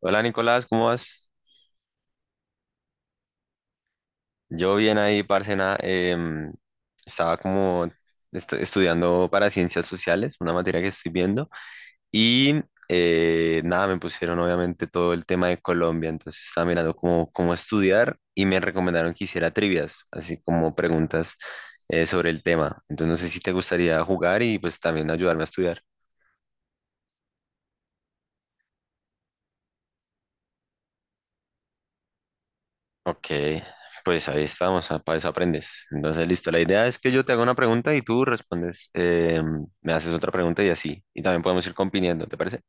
Hola Nicolás, ¿cómo vas? Yo bien ahí, parce, em, estaba como estudiando para ciencias sociales, una materia que estoy viendo, y nada, me pusieron obviamente todo el tema de Colombia, entonces estaba mirando cómo estudiar y me recomendaron que hiciera trivias, así como preguntas sobre el tema. Entonces no sé si te gustaría jugar y pues también ayudarme a estudiar. Ok, pues ahí estamos, para eso aprendes. Entonces, listo, la idea es que yo te haga una pregunta y tú respondes, me haces otra pregunta y así. Y también podemos ir compitiendo, ¿te parece?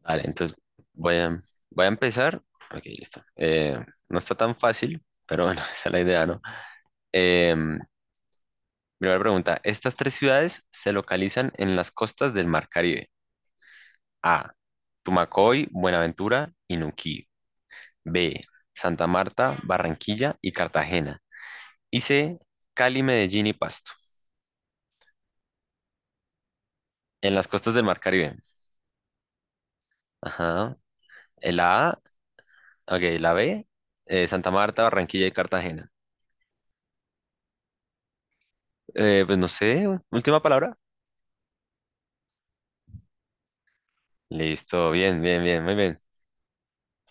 Vale, entonces voy a, voy a empezar. Ok, listo. No está tan fácil, pero bueno, esa es la idea, ¿no? Em, Primera pregunta, estas tres ciudades se localizan en las costas del Mar Caribe. A, Tumacoy, Buenaventura y Nuquí. B, Santa Marta, Barranquilla y Cartagena. Hice Cali, Medellín y Pasto, en las costas del Mar Caribe. Ajá. El A, ok, la B, Santa Marta, Barranquilla y Cartagena. Pues no sé, última palabra. Listo, bien, bien, bien, muy bien.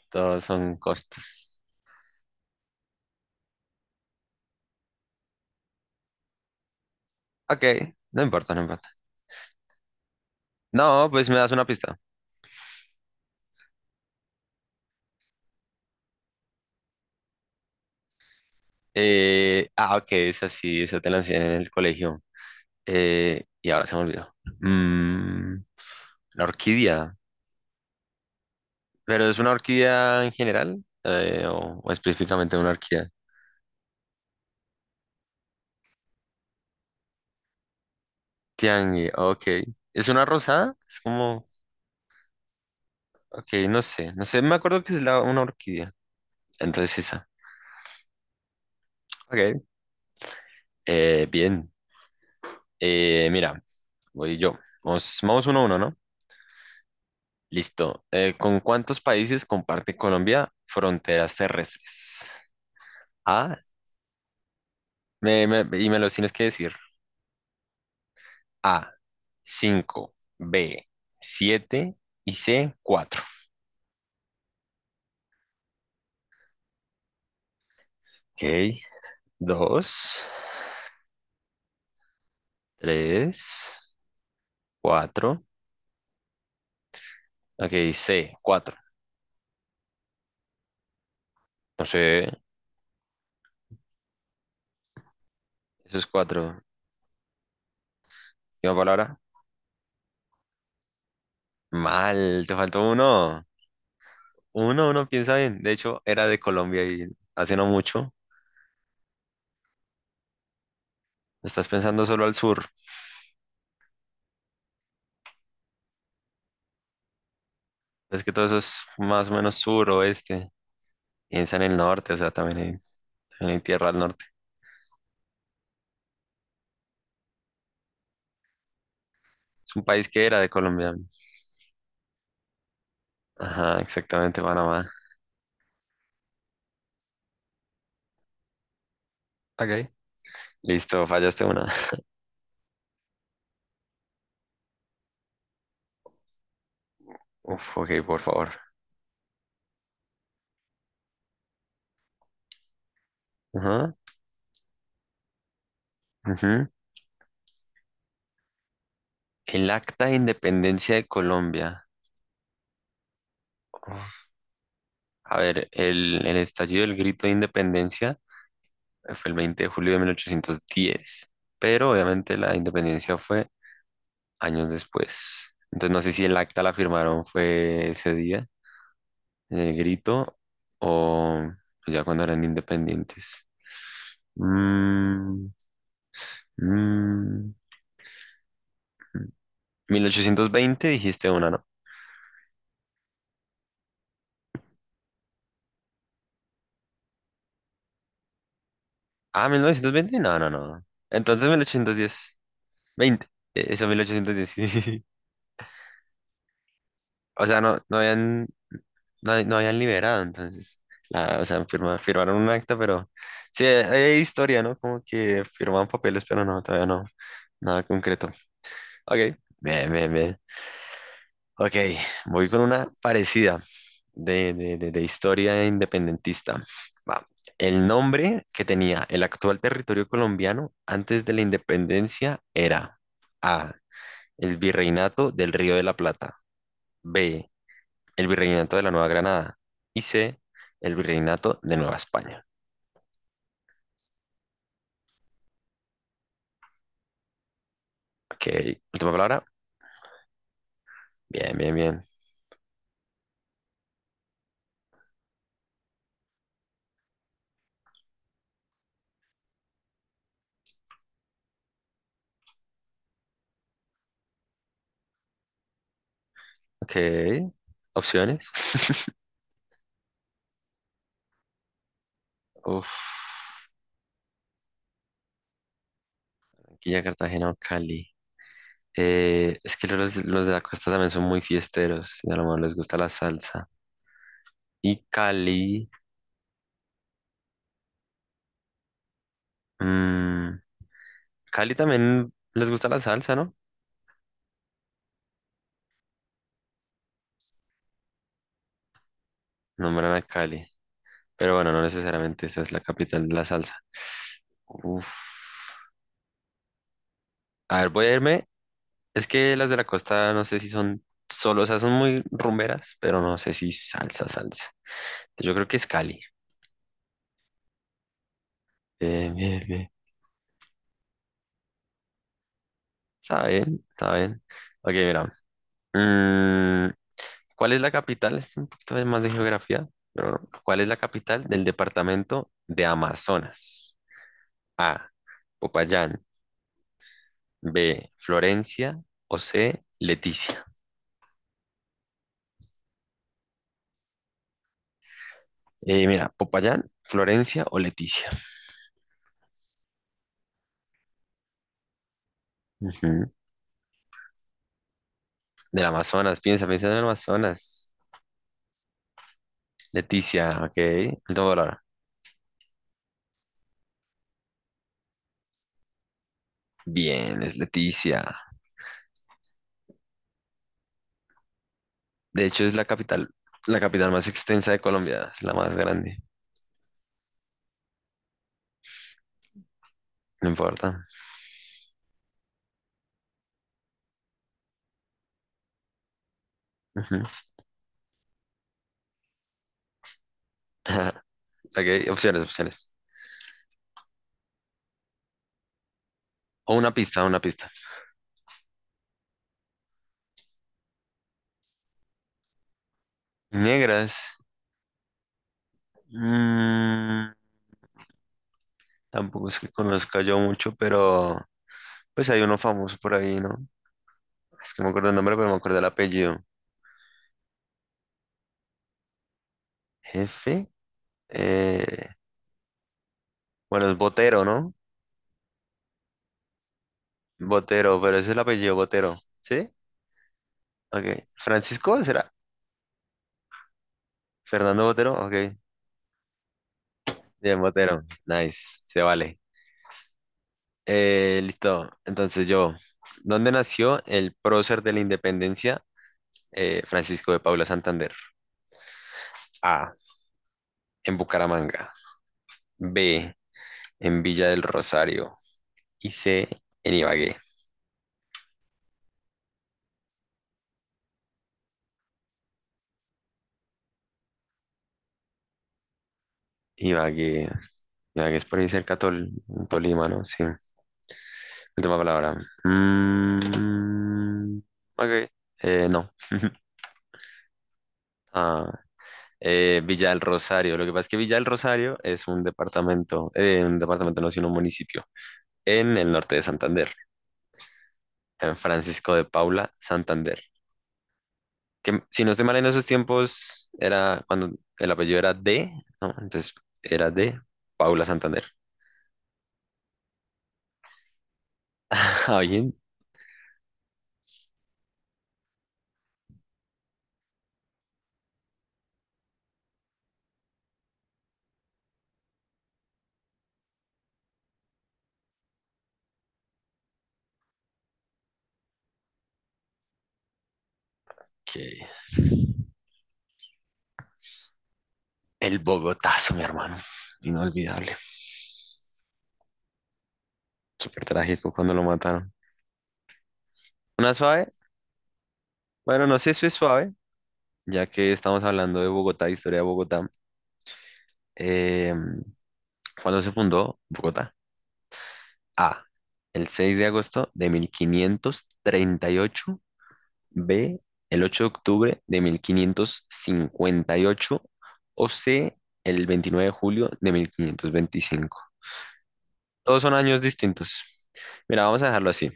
Todos son costas. Ok, no importa, no importa. No, pues me das una pista. Ah, ok, esa sí, esa te la enseñé en el colegio. Y ahora se me olvidó. Mm, la orquídea. ¿Pero es una orquídea en general? O específicamente una orquídea? Tiangue, ok. ¿Es una rosada? Es como, ok, no sé, no sé, me acuerdo que es una orquídea. Entonces esa. Ok. Bien. Mira, voy yo. Vamos, vamos uno a uno, ¿no? Listo. ¿Con cuántos países comparte Colombia fronteras terrestres? A, y me los tienes que decir. A, 5, B, siete y C, cuatro. Ok, 2, 3, 4, ok, C, 4. No sé, esos cuatro. Última palabra. Mal, te faltó uno. Uno piensa bien. De hecho, era de Colombia y hace no mucho. Estás pensando solo al sur. Es que todo eso es más o menos sur, oeste. Piensa en el norte, o sea, también hay tierra al norte. Es un país que era de Colombia. Ajá, exactamente, Panamá. Ok. Listo, fallaste una. Uf, ok, por favor. Ajá, ujú. El Acta de Independencia de Colombia. Uf. A ver, el estallido del grito de independencia fue el 20 de julio de 1810, pero obviamente la independencia fue años después. Entonces no sé si el acta la firmaron fue ese día, en el grito, o ya cuando eran independientes. Mm, mm, 1820 dijiste una, ¿no? Ah, 1920 no, no, no. Entonces 1810, 20, eso 1810, sí. O sea, no, no habían liberado, entonces, la, o sea, firmaron un acta, pero sí, hay historia, ¿no? Como que firmaban papeles, pero no, todavía no, nada concreto. Ok, bien, bien, bien. Ok, voy con una parecida de historia independentista. Va. El nombre que tenía el actual territorio colombiano antes de la independencia era A. El Virreinato del Río de la Plata. B. El Virreinato de la Nueva Granada y C, el Virreinato de Nueva España. Ok, última palabra. Bien, bien, bien. Ok, opciones. Uf, Barranquilla, Cartagena o Cali. Es que los de la costa también son muy fiesteros y a lo mejor les gusta la salsa. Y Cali, mm, Cali también les gusta la salsa, ¿no? Nombran a Cali, pero bueno, no necesariamente esa es la capital de la salsa. Uf. A ver, voy a irme. Es que las de la costa no sé si son solo, o sea, son muy rumberas, pero no sé si salsa, salsa. Yo creo que es Cali. Bien, bien, bien. Está bien, está bien. Ok, mira. mm, ¿Cuál es la capital? Este es un poquito de más de geografía, pero ¿cuál es la capital del departamento de Amazonas? A. Popayán. B. Florencia. O C. Leticia. Mira, Popayán, Florencia o Leticia. Ujú. Del Amazonas, piensa, piensa en el Amazonas. Leticia, ok. Último dólar. Bien, es Leticia. De hecho, es la capital más extensa de Colombia, es la más grande. No importa. Ujú. Ok, opciones, opciones. O una pista, una pista. Negras. mm, Tampoco es que conozca yo mucho, pero pues hay uno famoso por ahí, ¿no? Es que no me acuerdo el nombre, pero me acuerdo el apellido. Jefe. eh, bueno, es Botero, ¿no? Botero, pero ese es el apellido Botero. ¿Sí? Ok. Francisco, ¿será? Fernando Botero, ok. Bien, Botero. Nice, se vale. Listo. Entonces yo, ¿dónde nació el prócer de la independencia? Francisco de Paula Santander. A, en Bucaramanga. B, en Villa del Rosario. Y C, en Ibagué. Ibagué. Ibagué es por ahí cerca de Tolima, ¿no? Sí. Última palabra. Mm, ok. No. Ah, Villa del Rosario. Lo que pasa es que Villa del Rosario es un departamento no, sino un municipio en el norte de Santander, en Francisco de Paula, Santander. Que si no estoy mal en esos tiempos era cuando el apellido era de, ¿no? Entonces era de Paula Santander. Alguien que el Bogotazo, mi hermano, inolvidable. Súper trágico cuando lo mataron. Una suave, bueno, no sé si es suave, ya que estamos hablando de Bogotá, historia de Bogotá. Em, ¿Cuándo se fundó Bogotá? A. El 6 de agosto de 1538. B. El 8 de octubre de 1558. O C. El 29 de julio de 1525. Todos son años distintos. Mira, vamos a dejarlo así.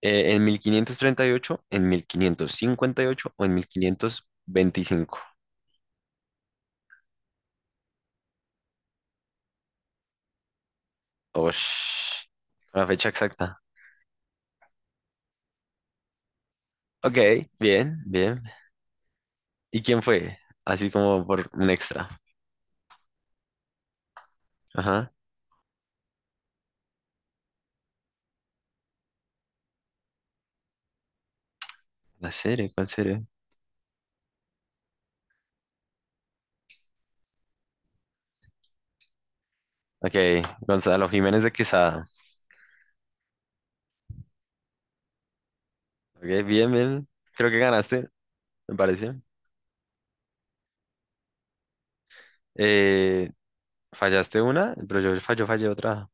En 1538, en 1558 o en 1525. Osh, la fecha exacta. Ok, bien, bien. ¿Y quién fue? Así como por un extra. Ajá. ¿La serie? ¿Cuál serie? Ok, Gonzalo Jiménez de Quesada. Ok, bien, bien. Creo que ganaste, me parece. Eh, Fallaste una, pero yo fallo, fallé otra.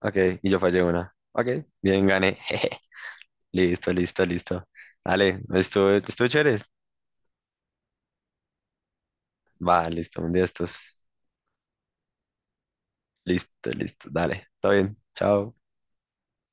Ok, y yo fallé una. Ok, bien, gané. Jeje. Listo, listo, listo. Dale, estuvo, estuvo chévere. Va, listo, un día estos. Listo, listo, dale. Está bien, chao.